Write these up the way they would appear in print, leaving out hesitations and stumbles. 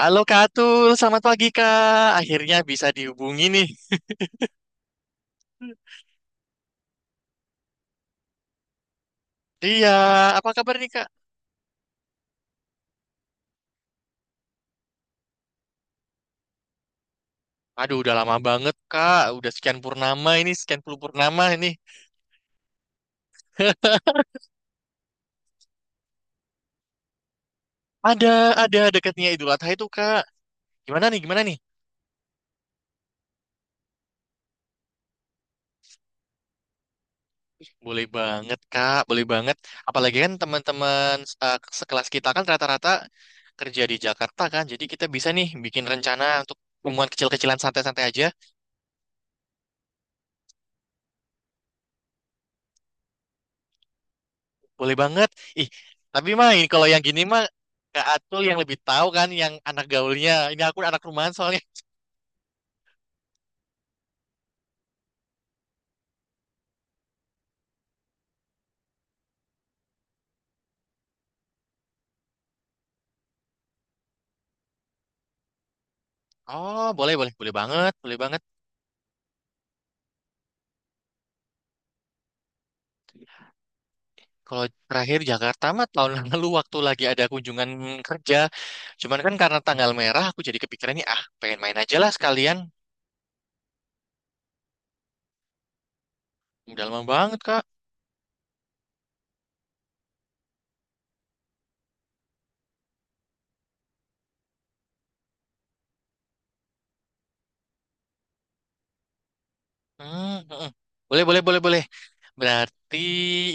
Halo Kak Atul, selamat pagi Kak. Akhirnya bisa dihubungi nih. Iya, apa kabar nih Kak? Aduh, udah lama banget Kak. Udah sekian purnama ini, sekian puluh purnama ini. Ada, ada dekatnya Idul Adha itu Kak. Gimana nih, gimana nih? Boleh banget Kak, boleh banget. Apalagi kan teman-teman sekelas kita kan rata-rata kerja di Jakarta kan. Jadi kita bisa nih bikin rencana untuk pertemuan kecil-kecilan santai-santai aja. Boleh banget. Ih, tapi mah ini kalau yang gini mah Kak Atul yang lebih tahu kan yang anak gaulnya. Ini aku anak rumahan soalnya. Oh, boleh boleh boleh banget, boleh banget. Kalau terakhir Jakarta mah tahun lalu waktu lagi ada kunjungan kerja. Cuman kan karena tanggal merah aku jadi kepikiran nih ah pengen main aja lah sekalian. Udah lama banget, Kak. Hmm, hmm, hmm. Boleh boleh boleh boleh. Berarti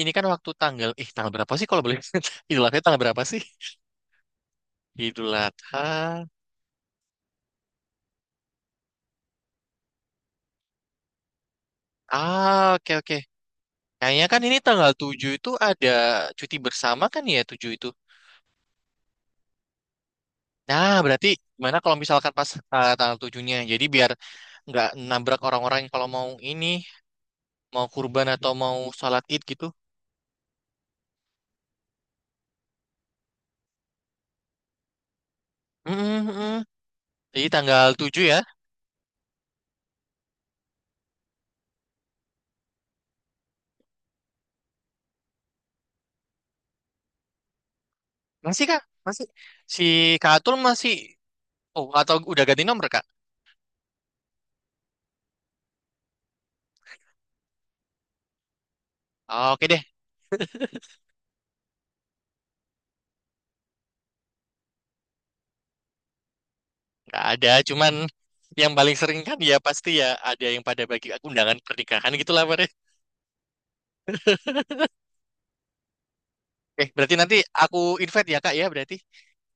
ini kan waktu tanggal tanggal berapa sih kalau boleh? Idul Adha tanggal berapa sih? Idul Adha. Ah, oke oke. Kayaknya kan ini tanggal 7 itu ada cuti bersama kan ya 7 itu. Nah, berarti gimana kalau misalkan pas tanggal 7-nya. Jadi biar nggak nabrak orang-orang yang kalau mau ini, mau kurban atau mau sholat id gitu. Mm, mm, mm. Jadi tanggal 7 ya. Masih Kak? Masih. Si Kak Atul masih, oh atau udah ganti nomor Kak? Oke deh, nggak ada. Cuman yang paling sering kan ya pasti ya ada yang pada bagi aku undangan pernikahan gitu lah Pak. Eh, berarti nanti aku invite ya Kak ya berarti.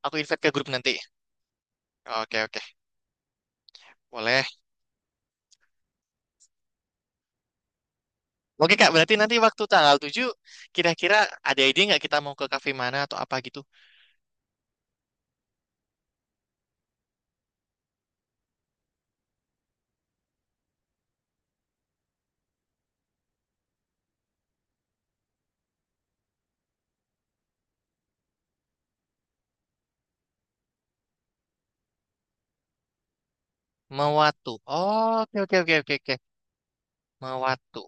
Aku invite ke grup nanti. Oke, oke. Boleh. Oke, Kak. Berarti nanti waktu tanggal 7, kira-kira ada ide nggak kita mau ke kafe mana atau apa gitu? Mewatu. Oh, oke, oke, oke, oke, oke. Mewatu.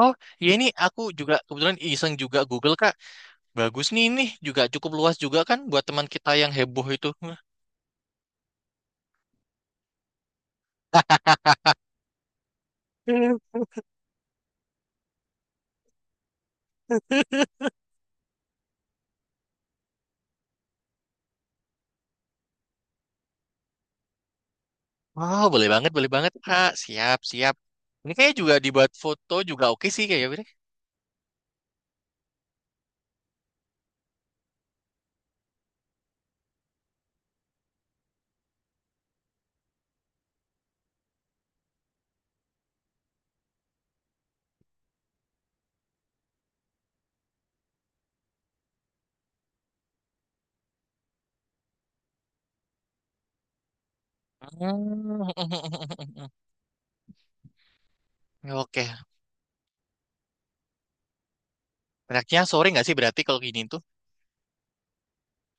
Oh, ya ini aku juga kebetulan iseng juga Google, Kak. Bagus nih ini. Juga cukup luas juga kan buat teman kita yang heboh itu. Wow, boleh banget, Kak. Siap, siap. Ini kayaknya juga dibuat foto juga oke sih kayaknya. Bre. Hmm. Oke. Enaknya sore nggak sih berarti kalau gini tuh?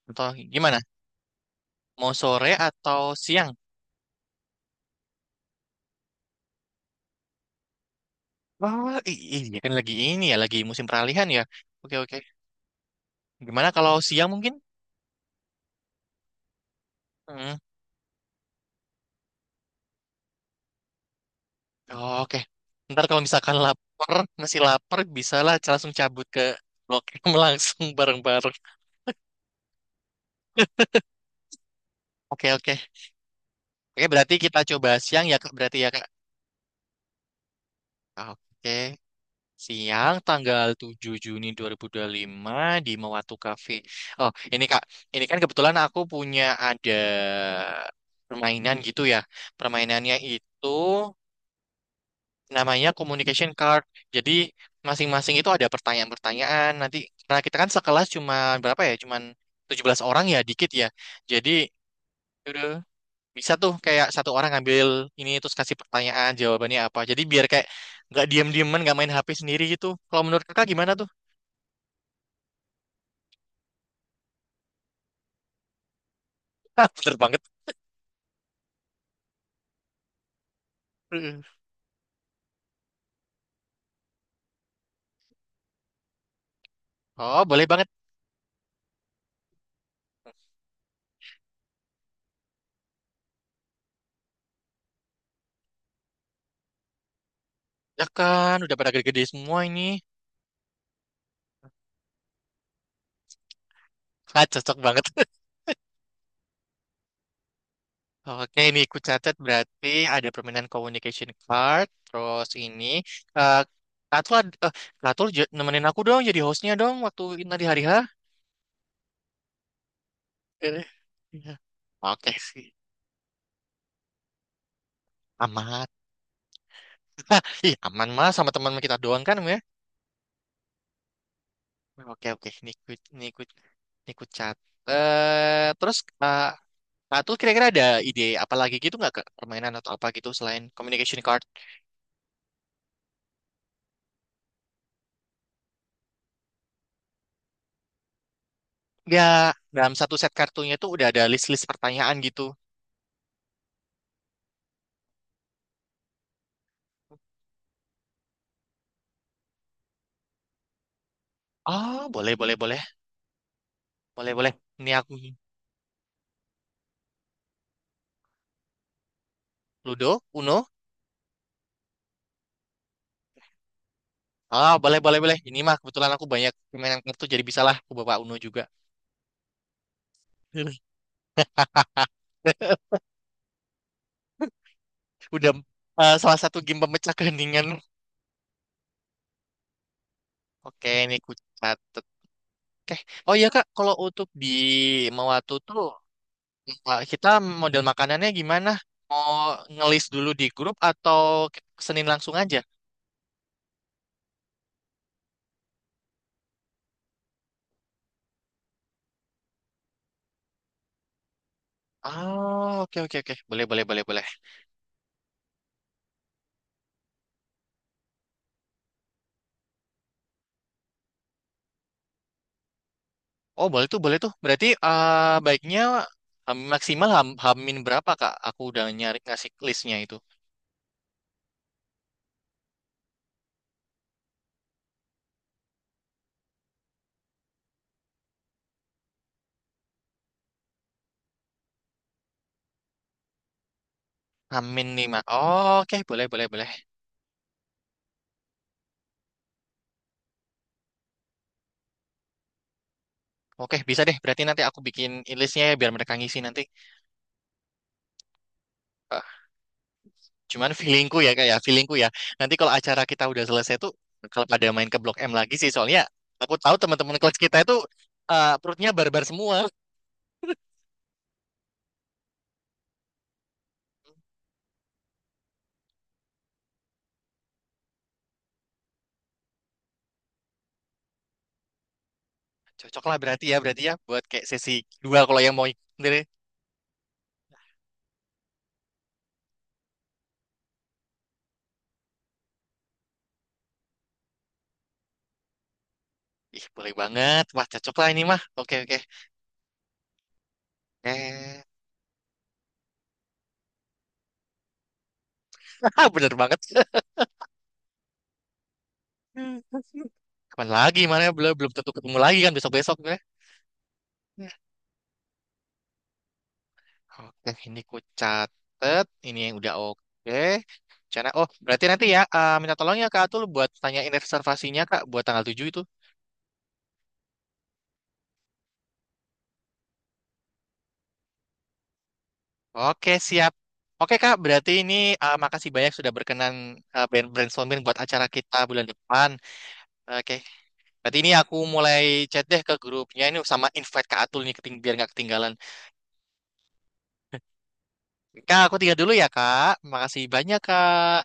Atau gimana? Mau sore atau siang? Wah, iya kan lagi ini ya, lagi musim peralihan ya. Oke, oke. Gimana kalau siang mungkin? Hmm. Oh, oke. Ntar kalau misalkan lapar, masih lapar, bisalah langsung cabut ke Blok M langsung bareng-bareng. Oke, oke. Oke, berarti kita coba siang ya, Kak. Berarti ya, Kak. Oke. Siang tanggal 7 Juni 2025 di Mewatu Cafe. Oh, ini Kak, ini kan kebetulan aku punya ada permainan gitu ya. Permainannya itu namanya communication card. Jadi masing-masing itu ada pertanyaan-pertanyaan. Nanti karena kita kan sekelas cuma berapa ya? Cuman 17 orang ya, dikit ya. Jadi udah bisa tuh kayak satu orang ngambil ini terus kasih pertanyaan jawabannya apa. Jadi biar kayak nggak diem-dieman, nggak main HP sendiri gitu. Kalau menurut Kakak gimana tuh? Hah, bener banget. Uh, Oh, boleh banget. Ya kan, udah pada gede-gede semua ini. Ah, cocok banget. Oke, ini ku catat berarti ada permainan communication card. Terus ini, eh Katul, Katul nemenin aku dong jadi hostnya dong waktu nanti hari H. Eh, iya. Oke sih, aman. Hah, ih, aman mah sama teman kita doang kan, ya. Oke, oke. Ini ku, ini ku catat. Terus, eh, nah, terus kira-kira ada ide apa lagi gitu nggak ke permainan atau apa gitu selain communication card? Ya, dalam satu set kartunya itu udah ada list-list pertanyaan gitu. Ah, boleh, boleh, boleh. Boleh, boleh. Ini aku Ludo, Uno. Ah, boleh, boleh, boleh. Ini mah kebetulan aku banyak permainan kartu jadi bisalah aku bawa Uno juga. Udah salah satu game pemecah keheningan. Oke, ini ku catet. Oke. Oh iya Kak, kalau untuk di Mawatu tuh wah, kita model makanannya gimana? Mau ngelis dulu di grup atau ke- Senin langsung aja? Oh, oke oke oke. Boleh boleh boleh boleh. Oh, boleh tuh, boleh tuh. Berarti baiknya maksimal hamin berapa, Kak? Aku udah nyari ngasih listnya itu. Hamin lima, oh oke, boleh boleh boleh. Oke, bisa deh. Berarti nanti aku bikin listnya ya biar mereka ngisi nanti. Cuman feelingku ya kayak feelingku ya. Nanti kalau acara kita udah selesai tuh kalau pada main ke Blok M lagi sih soalnya aku tahu teman-teman kelas kita itu perutnya barbar semua. Cocok lah berarti ya buat kayak sesi dua kalau yang mau sendiri. Ih, boleh banget. Wah, cocok lah ini mah. Oke, oke. Eh, bener banget. Kapan lagi mana belum belum tentu ketemu lagi kan besok-besok gue. Ya, oke, ini ku catet. Ini yang udah oke. Rencana. Oh, berarti nanti ya minta tolong ya Kak Atul buat tanyain reservasinya Kak buat tanggal 7 itu. Oke, siap. Oke, Kak, berarti ini makasih banyak sudah berkenan brainstorming buat acara kita bulan depan. Oke, berarti ini aku mulai chat deh ke grupnya ini sama invite Kak Atul nih keting biar nggak ketinggalan. Kak, aku tinggal dulu ya, Kak. Makasih banyak, Kak.